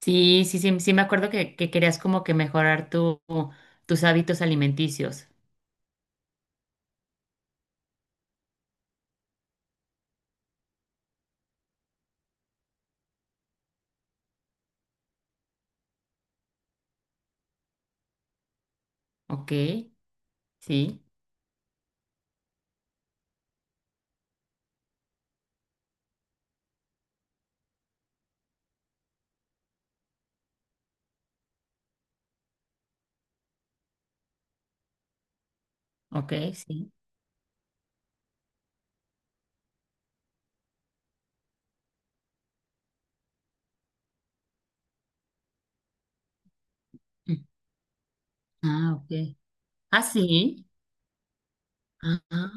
Sí, sí, sí, sí me acuerdo que, querías como que mejorar tus hábitos alimenticios. Ok, sí, ok, sí. Mm, Ah, ok. Ah, sí. Ah, ah,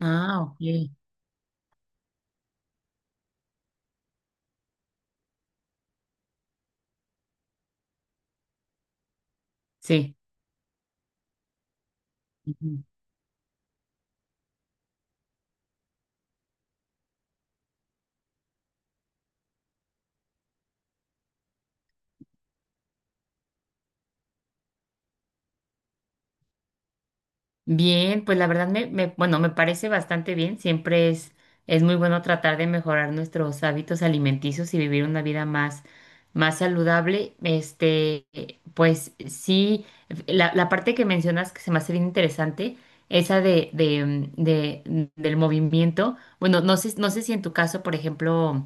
ah, ok. Sí. Bien, pues la verdad me parece bastante bien. Es muy bueno tratar de mejorar nuestros hábitos alimenticios y vivir una vida más saludable. Este, pues sí, la parte que mencionas que se me hace bien interesante, esa del movimiento. Bueno, no sé, no sé si en tu caso, por ejemplo,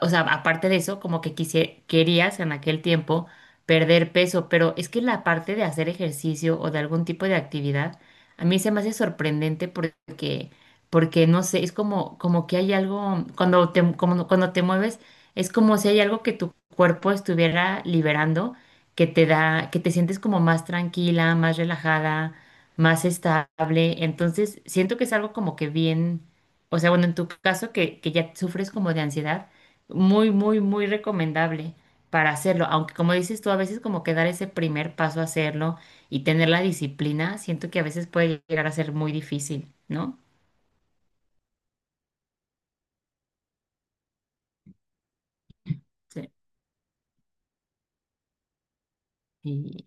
o sea, aparte de eso, como que querías en aquel tiempo perder peso, pero es que la parte de hacer ejercicio o de algún tipo de actividad, a mí se me hace sorprendente porque no sé, es como, como que hay algo, cuando te mueves, es como si hay algo que tu cuerpo estuviera liberando, que te sientes como más tranquila, más relajada, más estable. Entonces, siento que es algo como que bien, o sea, bueno, en tu caso que ya sufres como de ansiedad. Muy recomendable para hacerlo. Aunque como dices tú, a veces como que dar ese primer paso a hacerlo y tener la disciplina, siento que a veces puede llegar a ser muy difícil, ¿no? Sí. Sí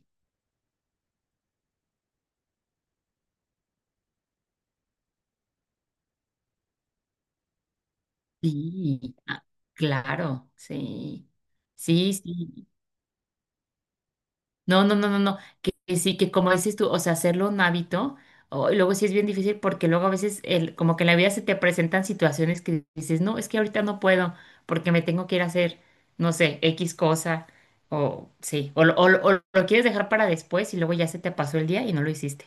ah, claro, sí. Sí, sí. No, que sí, que como dices tú, o sea, hacerlo un hábito, y luego sí es bien difícil porque luego a veces como que en la vida se te presentan situaciones que dices, no, es que ahorita no puedo porque me tengo que ir a hacer, no sé, X cosa, o sí, o lo quieres dejar para después y luego ya se te pasó el día y no lo hiciste.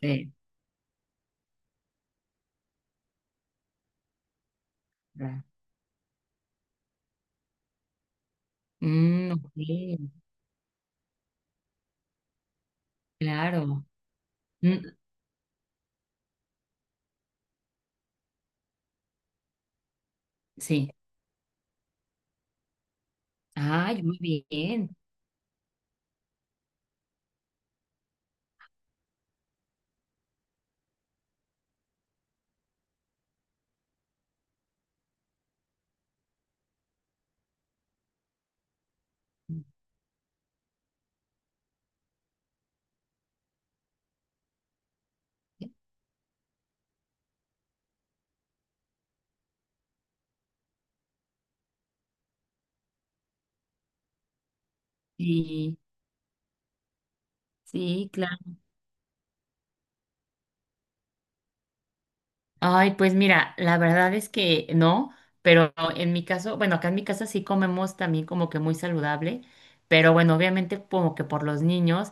Sí, claro. Ok, claro. Mm, sí, ay, muy bien. Sí, sí, claro. Ay, pues mira, la verdad es que no, pero en mi caso, bueno, acá en mi casa sí comemos también como que muy saludable, pero bueno, obviamente como que por los niños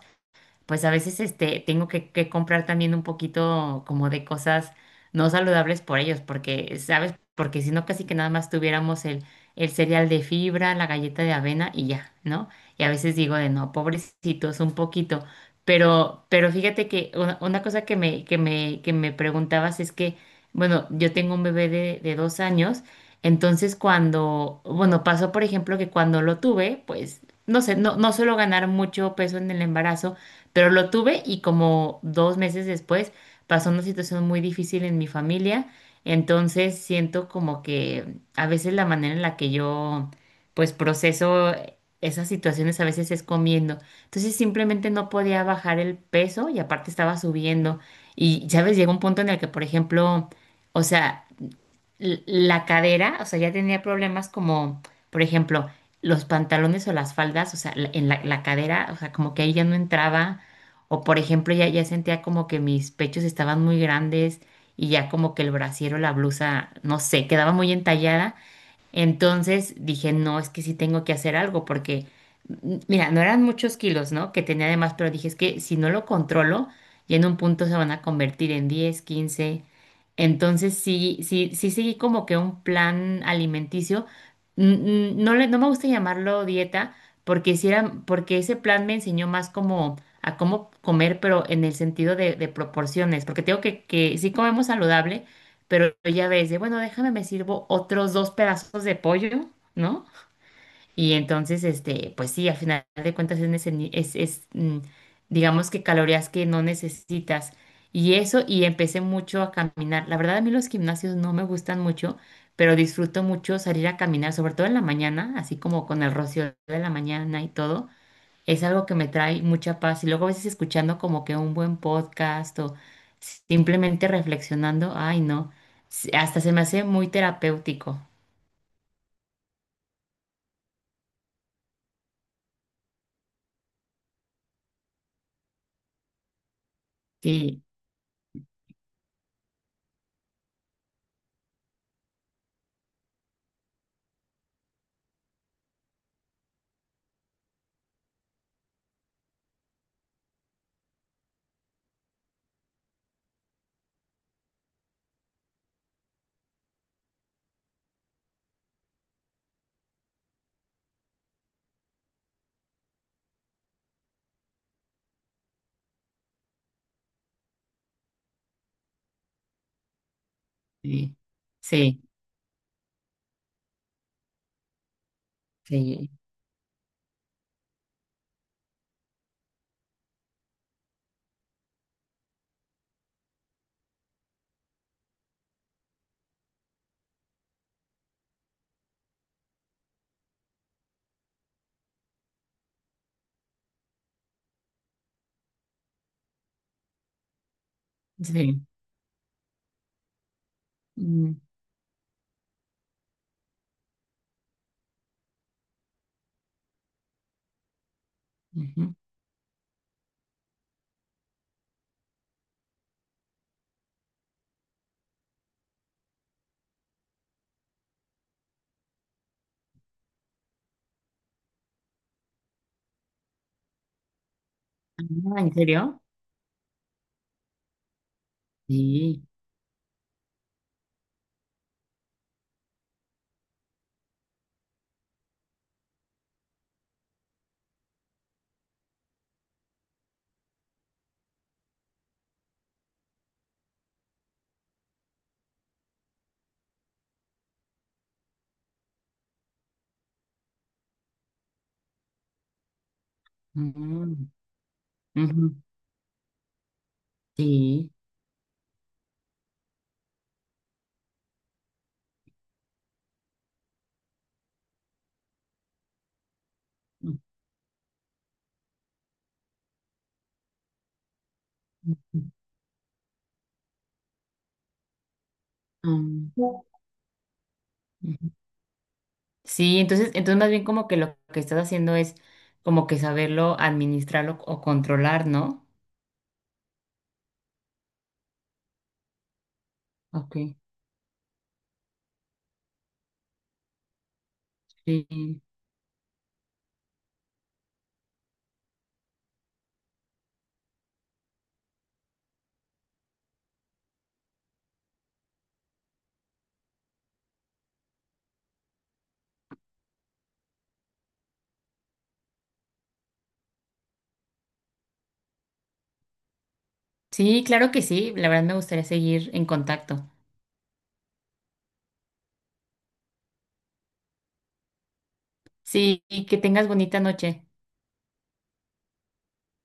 pues a veces este, tengo que comprar también un poquito como de cosas no saludables por ellos, porque, ¿sabes? Porque si no, casi que nada más tuviéramos el cereal de fibra, la galleta de avena y ya, ¿no? Y a veces digo de no, pobrecitos, un poquito. Pero fíjate que una cosa que me preguntabas es que, bueno, yo tengo un bebé de 2 años, entonces cuando, bueno, pasó por ejemplo que cuando lo tuve, pues, no sé, no suelo ganar mucho peso en el embarazo, pero lo tuve y como 2 meses después pasó una situación muy difícil en mi familia. Entonces siento como que a veces la manera en la que yo pues proceso esas situaciones a veces es comiendo. Entonces simplemente no podía bajar el peso y aparte estaba subiendo. Y, ¿sabes? Llegó un punto en el que, por ejemplo, o sea, la cadera, o sea, ya tenía problemas como, por ejemplo, los pantalones o las faldas, o sea, la cadera, o sea, como que ahí ya no entraba, o por ejemplo, ya sentía como que mis pechos estaban muy grandes y ya como que el brasier o la blusa, no sé, quedaba muy entallada, entonces dije, no, es que sí tengo que hacer algo porque, mira, no eran muchos kilos, ¿no? Que tenía además, pero dije, es que si no lo controlo, ya en un punto se van a convertir en 10, 15 Entonces sí, sí seguí como que un plan alimenticio. No no me gusta llamarlo dieta porque sí, porque ese plan me enseñó más como a cómo comer, pero en el sentido de proporciones, porque tengo que sí comemos saludable, pero ya ves, de bueno, déjame, me sirvo otros dos pedazos de pollo, ¿no? Y entonces, este, pues sí, al final de cuentas es, nece- ni- es, mm, digamos que calorías que no necesitas. Y eso, y empecé mucho a caminar. La verdad, a mí los gimnasios no me gustan mucho, pero disfruto mucho salir a caminar, sobre todo en la mañana, así como con el rocío de la mañana y todo es algo que me trae mucha paz. Y luego a veces escuchando como que un buen podcast o simplemente reflexionando, ay, no, hasta se me hace muy terapéutico. Sí, sí, sí, sí, sí. Mm, ujú. Ah, ¿en serio? Sí, mm, ujú. Sí, mm, ujú, mm, ujú. Sí, entonces, entonces más bien como que lo que estás haciendo es como que saberlo administrarlo o controlar, ¿no? Ok, sí. Sí, claro que sí. La verdad me gustaría seguir en contacto. Sí, y que tengas bonita noche.